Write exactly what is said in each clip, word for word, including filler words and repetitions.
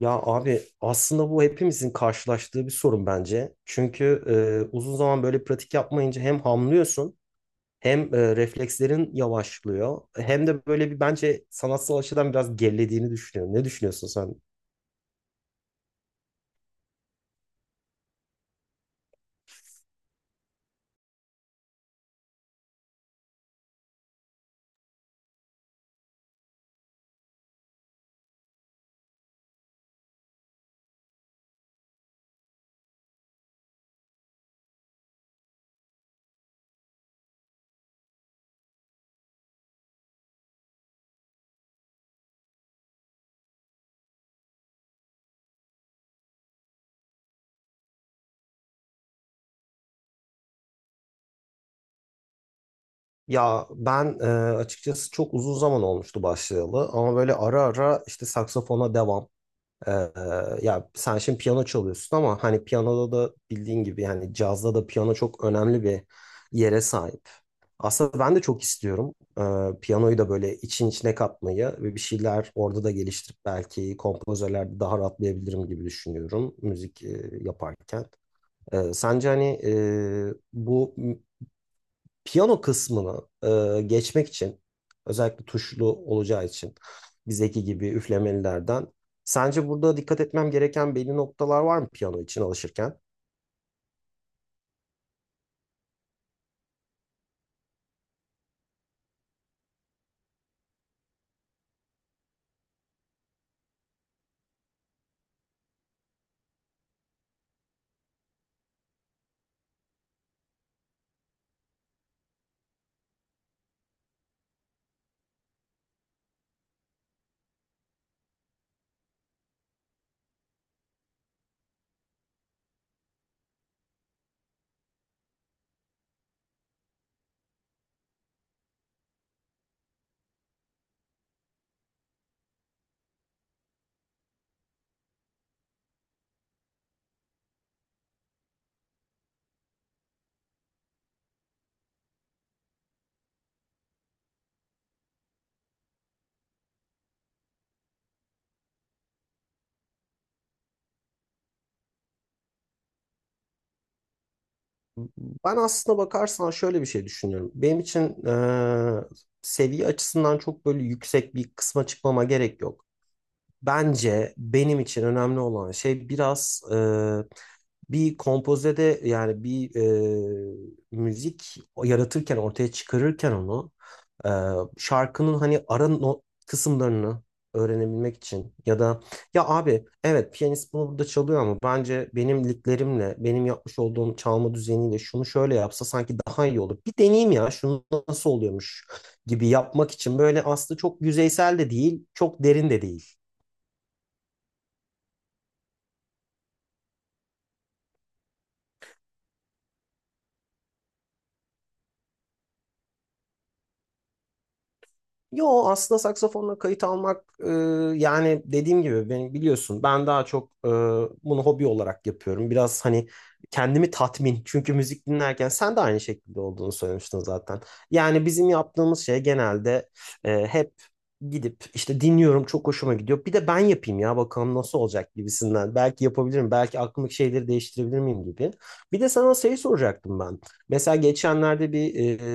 Ya abi aslında bu hepimizin karşılaştığı bir sorun bence. Çünkü e, uzun zaman böyle pratik yapmayınca hem hamlıyorsun hem e, reflekslerin yavaşlıyor. Hem de böyle bir bence sanatsal açıdan biraz gerilediğini düşünüyorum. Ne düşünüyorsun sen? Ya ben e, açıkçası çok uzun zaman olmuştu başlayalı ama böyle ara ara işte saksafona devam. Ee, Ya sen şimdi piyano çalıyorsun ama hani piyanoda da bildiğin gibi yani cazda da piyano çok önemli bir yere sahip. Aslında ben de çok istiyorum ee, piyanoyu da böyle için içine katmayı ve bir şeyler orada da geliştirip belki kompozörlerde daha rahatlayabilirim gibi düşünüyorum müzik e, yaparken. Ee, sence hani e, bu piyano kısmını e, geçmek için özellikle tuşlu olacağı için bizdeki gibi üflemelilerden sence burada dikkat etmem gereken belli noktalar var mı piyano için alışırken? Ben aslına bakarsan şöyle bir şey düşünüyorum. Benim için e, seviye açısından çok böyle yüksek bir kısma çıkmama gerek yok. Bence benim için önemli olan şey biraz e, bir kompozede yani bir e, müzik yaratırken ortaya çıkarırken onu e, şarkının hani ara no- kısımlarını öğrenebilmek için ya da ya abi evet piyanist bunu burada çalıyor ama bence benim liglerimle benim yapmış olduğum çalma düzeniyle şunu şöyle yapsa sanki daha iyi olur. Bir deneyeyim ya şunu nasıl oluyormuş gibi yapmak için böyle aslında çok yüzeysel de değil çok derin de değil. Yo aslında saksafonla kayıt almak e, yani dediğim gibi ben biliyorsun ben daha çok e, bunu hobi olarak yapıyorum. Biraz hani kendimi tatmin çünkü müzik dinlerken sen de aynı şekilde olduğunu söylemiştin zaten. Yani bizim yaptığımız şey genelde e, hep gidip işte dinliyorum çok hoşuma gidiyor. Bir de ben yapayım ya bakalım nasıl olacak gibisinden. Belki yapabilirim belki aklımdaki şeyleri değiştirebilir miyim gibi. Bir de sana şey soracaktım ben. Mesela geçenlerde bir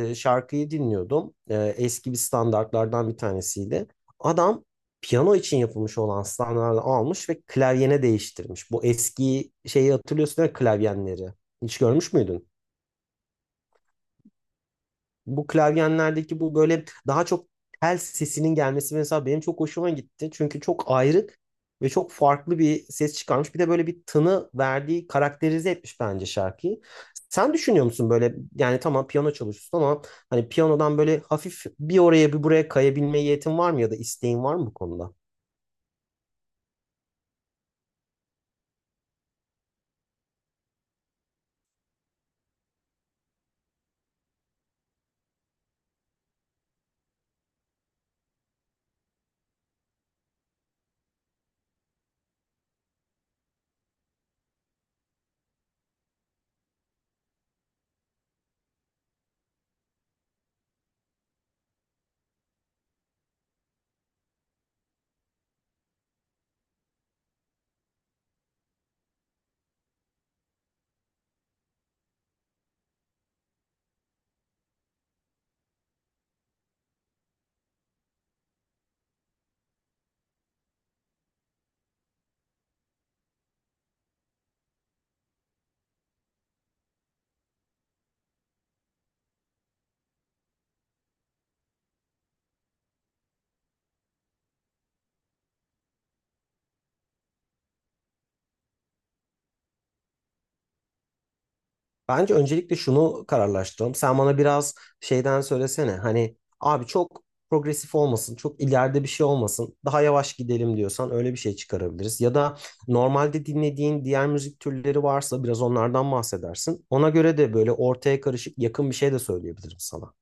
e, şarkıyı dinliyordum. E, eski bir standartlardan bir tanesiydi. Adam piyano için yapılmış olan standartları almış ve klavyene değiştirmiş. Bu eski şeyi hatırlıyorsun değil mi? Klavyenleri. Hiç görmüş müydün? Bu klavyenlerdeki bu böyle daha çok tel sesinin gelmesi mesela benim çok hoşuma gitti. Çünkü çok ayrık ve çok farklı bir ses çıkarmış. Bir de böyle bir tını verdiği karakterize etmiş bence şarkıyı. Sen düşünüyor musun böyle yani tamam piyano çalışıyorsun ama hani piyanodan böyle hafif bir oraya bir buraya kayabilme yetin var mı ya da isteğin var mı bu konuda? Bence öncelikle şunu kararlaştıralım. Sen bana biraz şeyden söylesene. Hani abi çok progresif olmasın, çok ileride bir şey olmasın. Daha yavaş gidelim diyorsan öyle bir şey çıkarabiliriz. Ya da normalde dinlediğin diğer müzik türleri varsa biraz onlardan bahsedersin. Ona göre de böyle ortaya karışık yakın bir şey de söyleyebilirim sana.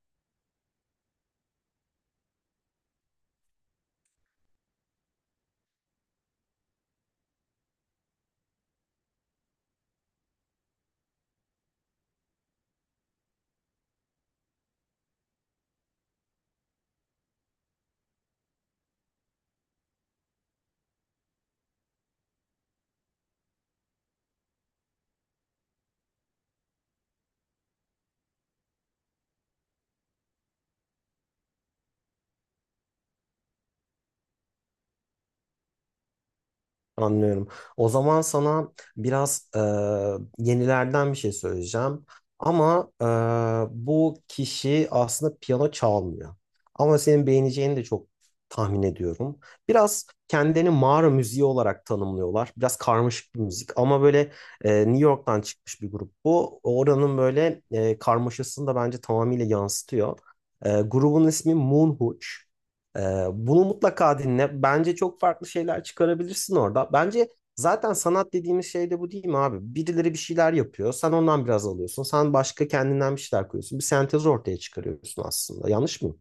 Anlıyorum. O zaman sana biraz e, yenilerden bir şey söyleyeceğim. Ama e, bu kişi aslında piyano çalmıyor. Ama senin beğeneceğini de çok tahmin ediyorum. Biraz kendini mağara müziği olarak tanımlıyorlar. Biraz karmaşık bir müzik ama böyle e, New York'tan çıkmış bir grup bu. Oranın böyle e, karmaşasını da bence tamamıyla yansıtıyor. E, grubun ismi Moonhooch. Ee, Bunu mutlaka dinle. Bence çok farklı şeyler çıkarabilirsin orada. Bence zaten sanat dediğimiz şey de bu değil mi abi? Birileri bir şeyler yapıyor. Sen ondan biraz alıyorsun. Sen başka kendinden bir şeyler koyuyorsun. Bir sentez ortaya çıkarıyorsun aslında. Yanlış mı?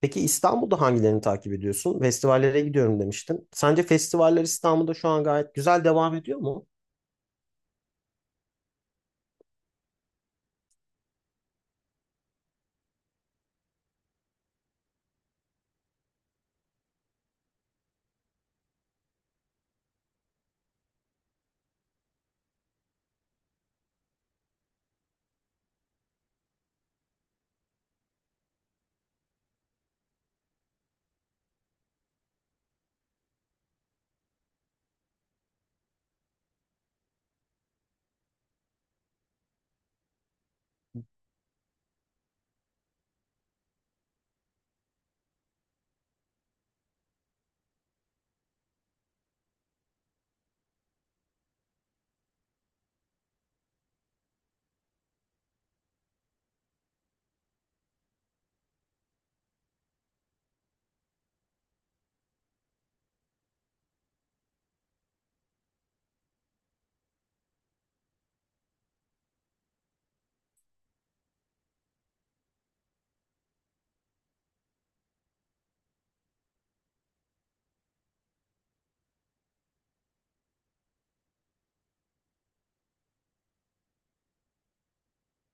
Peki İstanbul'da hangilerini takip ediyorsun? Festivallere gidiyorum demiştin. Sence festivaller İstanbul'da şu an gayet güzel devam ediyor mu?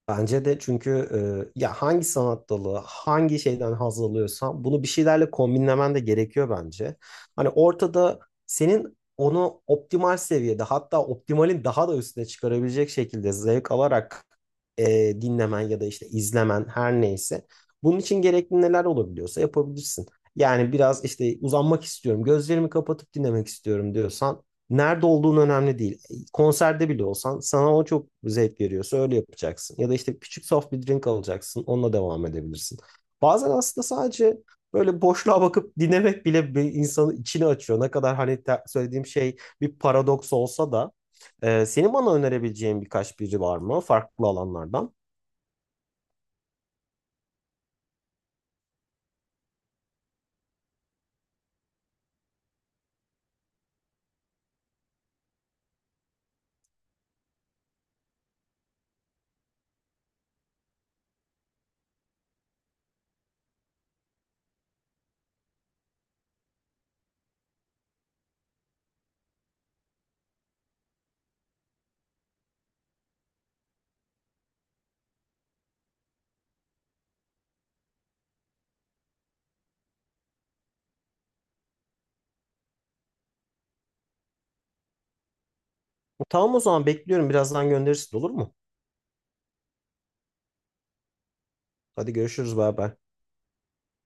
Bence de çünkü e, ya hangi sanat dalı, hangi şeyden haz alıyorsan bunu bir şeylerle kombinlemen de gerekiyor bence. Hani ortada senin onu optimal seviyede hatta optimalin daha da üstüne çıkarabilecek şekilde zevk alarak e, dinlemen ya da işte izlemen her neyse. Bunun için gerekli neler olabiliyorsa yapabilirsin. Yani biraz işte uzanmak istiyorum, gözlerimi kapatıp dinlemek istiyorum diyorsan nerede olduğun önemli değil konserde bile olsan sana o çok zevk veriyorsa öyle yapacaksın. Ya da işte küçük soft bir drink alacaksın onunla devam edebilirsin. Bazen aslında sadece böyle boşluğa bakıp dinlemek bile bir insanı içini açıyor. Ne kadar hani te- söylediğim şey bir paradoks olsa da e, senin bana önerebileceğin birkaç biri var mı farklı alanlardan? Tamam o zaman bekliyorum birazdan gönderirsin olur mu? Hadi görüşürüz bay bay.